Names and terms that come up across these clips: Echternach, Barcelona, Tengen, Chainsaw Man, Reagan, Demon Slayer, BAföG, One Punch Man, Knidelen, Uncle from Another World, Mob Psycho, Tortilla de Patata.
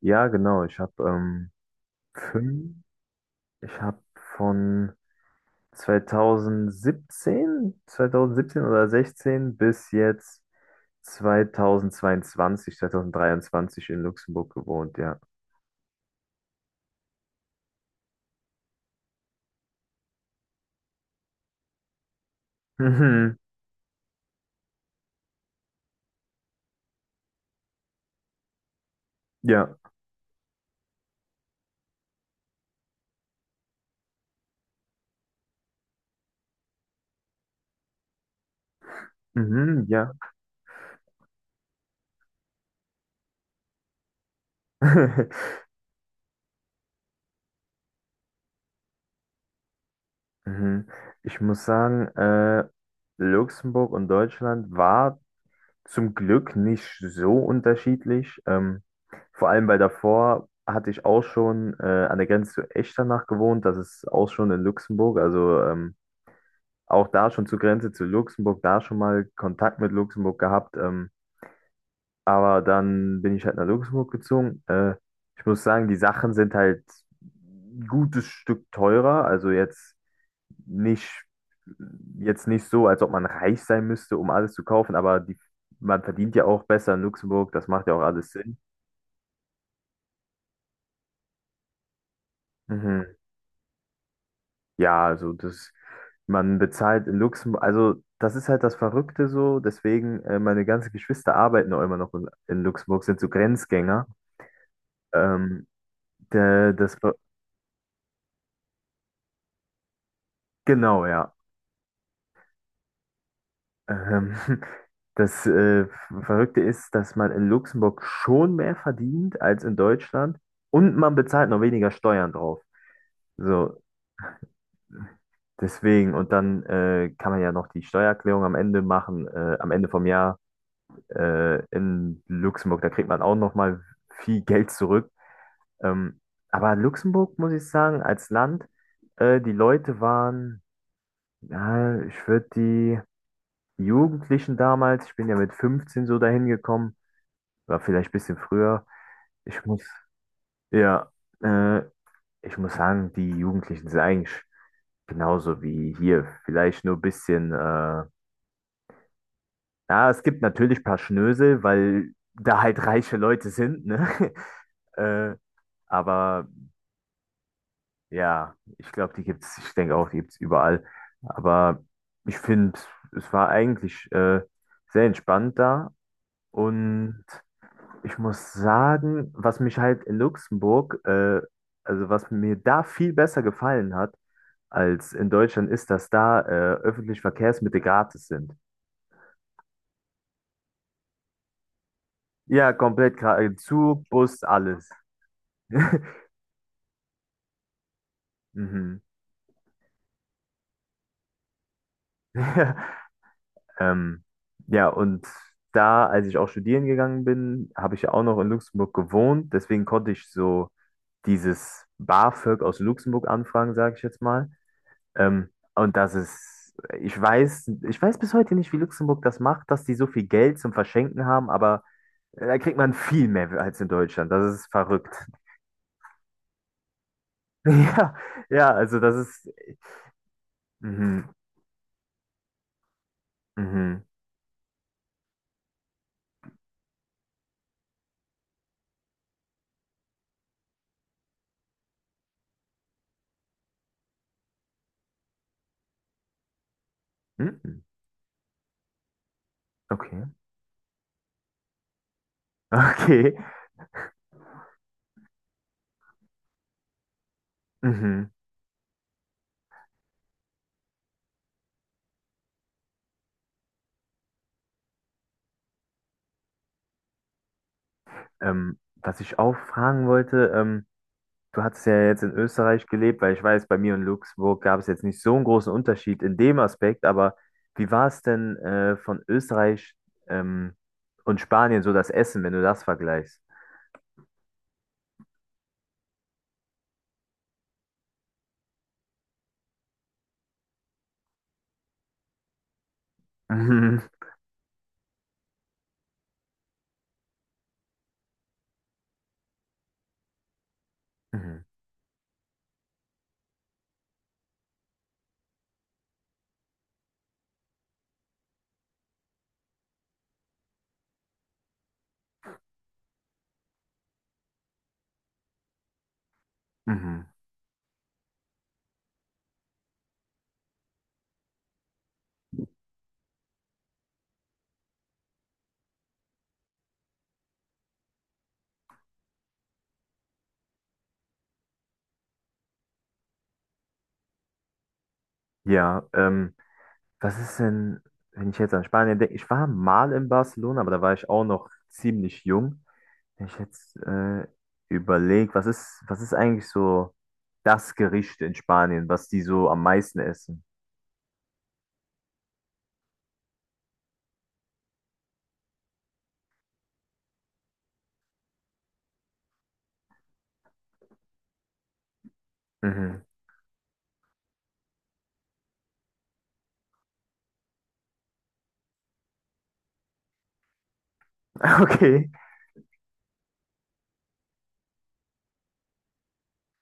Ja, genau. Ich habe fünf, ich habe von 2017, 2017 oder 16 bis jetzt 2022, 2023 in Luxemburg gewohnt, ja. Mhm, ja, mhm, ja. Mhm. Ich muss sagen, Luxemburg und Deutschland war zum Glück nicht so unterschiedlich. Vor allem, weil davor hatte ich auch schon an der Grenze zu Echternach gewohnt. Das ist auch schon in Luxemburg. Also auch da schon zur Grenze zu Luxemburg, da schon mal Kontakt mit Luxemburg gehabt. Aber dann bin ich halt nach Luxemburg gezogen. Ich muss sagen, die Sachen sind halt ein gutes Stück teurer. Also nicht, jetzt nicht so, als ob man reich sein müsste, um alles zu kaufen, aber man verdient ja auch besser in Luxemburg, das macht ja auch alles Sinn. Mhm. Ja, also das, man bezahlt in Luxemburg, also das ist halt das Verrückte so, deswegen, meine ganzen Geschwister arbeiten auch immer noch in Luxemburg, sind so Grenzgänger. Ähm, der, das, Ver- genau, ja. Ähm, das Verrückte ist, dass man in Luxemburg schon mehr verdient als in Deutschland und man bezahlt noch weniger Steuern drauf. So, deswegen, und dann kann man ja noch die Steuererklärung am Ende machen, am Ende vom Jahr in Luxemburg. Da kriegt man auch noch mal viel Geld zurück. Ähm, aber Luxemburg, muss ich sagen, als Land, die Leute waren, ja, ich würde die Jugendlichen damals, ich bin ja mit 15 so dahin gekommen, war vielleicht ein bisschen früher. Ich muss, ja, äh, ich muss sagen, die Jugendlichen sind eigentlich genauso wie hier, vielleicht nur ein bisschen. Ja, es gibt natürlich ein paar Schnösel, weil da halt reiche Leute sind, ne? Äh, aber ja, ich glaube, die gibt's, ich denke auch, die gibt's überall. Aber ich finde, es war eigentlich sehr entspannt da. Und ich muss sagen, was mich halt in Luxemburg, also was mir da viel besser gefallen hat als in Deutschland, ist, dass da öffentliche Verkehrsmittel gratis sind. Ja, komplett gratis. Zug, Bus, alles. Mhm. Ähm, ja, und da, als ich auch studieren gegangen bin, habe ich ja auch noch in Luxemburg gewohnt. Deswegen konnte ich so dieses BAföG aus Luxemburg anfragen, sage ich jetzt mal. Ähm, und das ist, ich weiß bis heute nicht, wie Luxemburg das macht, dass die so viel Geld zum Verschenken haben, aber da kriegt man viel mehr als in Deutschland. Das ist verrückt. Ja, ja, also das ist. Mhm, mhm, mhm, okay, okay. Mhm. Was ich auch fragen wollte, du hattest ja jetzt in Österreich gelebt, weil ich weiß, bei mir in Luxemburg gab es jetzt nicht so einen großen Unterschied in dem Aspekt, aber wie war es denn von Österreich ähm, und Spanien so das Essen, wenn du das vergleichst? Mhm. Mhm. Mhm. Ja, was ist denn, wenn ich jetzt an Spanien denke? Ich war mal in Barcelona, aber da war ich auch noch ziemlich jung. Wenn ich jetzt überlege, was ist eigentlich so das Gericht in Spanien, was die so am meisten essen? Mhm. Okay.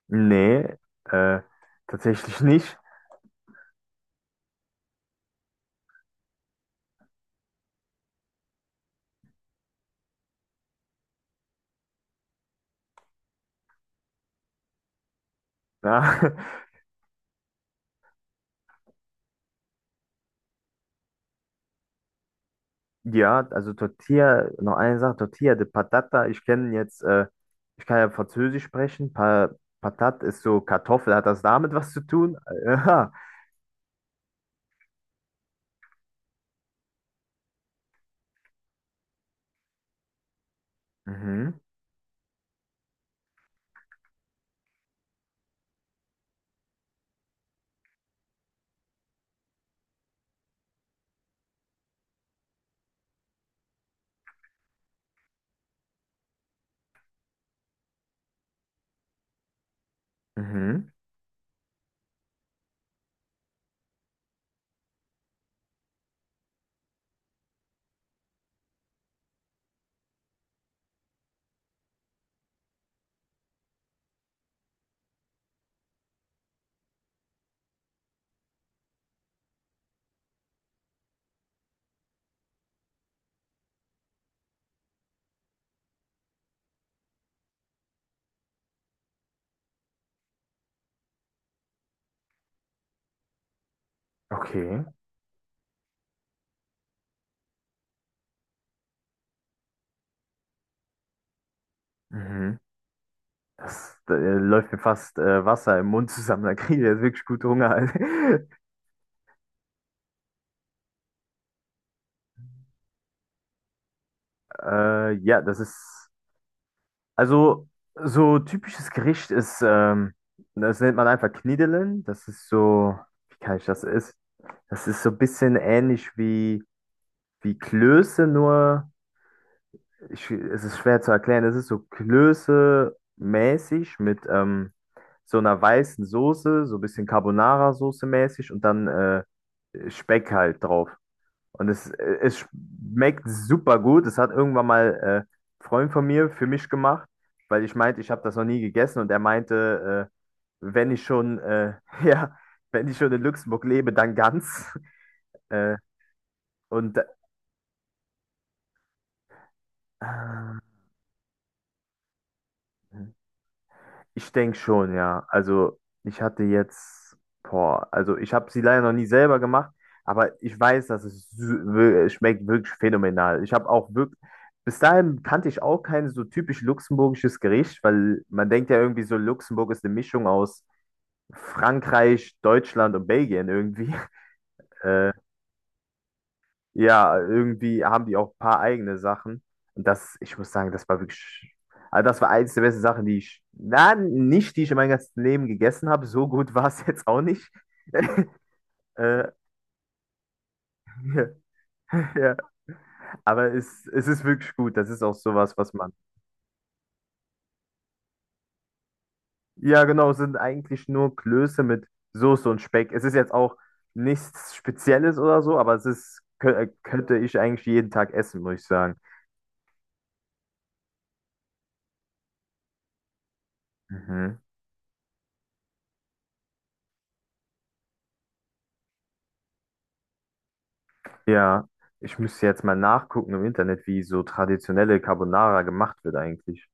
Nee, äh, tatsächlich nicht. Ja, ja, also Tortilla, noch eine Sache, Tortilla de Patata, ich kenne jetzt, ich kann ja Französisch sprechen, pa Patat ist so Kartoffel, hat das damit was zu tun? Ja. Mhm. Mhm. Okay. Mhm. Das, da läuft mir fast Wasser im Mund zusammen. Da kriege ich jetzt wirklich gut Hunger. Ja, das ist. Also, so typisches Gericht ist, das nennt man einfach Knidelen. Das ist so, wie kann ich das ist? Das ist so ein bisschen wie Klöße, nur ich, es ist schwer zu erklären. Es ist so Klöße-mäßig mit so einer weißen Soße, so ein bisschen Carbonara-Soße mäßig und dann Speck halt drauf. Und es schmeckt super gut. Das hat irgendwann mal ein Freund von mir für mich gemacht, weil ich meinte, ich habe das noch nie gegessen. Und er meinte, wenn ich schon, ja, wenn ich schon in Luxemburg lebe, dann ganz. Äh, und äh, ich denke schon, ja. Also ich hatte jetzt, boah, also ich habe sie leider noch nie selber gemacht, aber ich weiß, dass es es schmeckt wirklich phänomenal. Ich habe auch wirklich, bis dahin kannte ich auch kein so typisch luxemburgisches Gericht, weil man denkt ja irgendwie so, Luxemburg ist eine Mischung aus Frankreich, Deutschland und Belgien irgendwie. Ja, irgendwie haben die auch ein paar eigene Sachen. Und das, ich muss sagen, das war wirklich, also das war eins der besten Sachen, die ich, na, nicht, die ich in meinem ganzen Leben gegessen habe. So gut war es jetzt auch nicht. Äh, ja, aber es ist wirklich gut. Das ist auch sowas, was man. Ja, genau, es sind eigentlich nur Klöße mit Soße und Speck. Es ist jetzt auch nichts Spezielles oder so, aber es ist, könnte ich eigentlich jeden Tag essen, muss ich sagen. Mhm. Ja, ich müsste jetzt mal nachgucken im Internet, wie so traditionelle Carbonara gemacht wird eigentlich.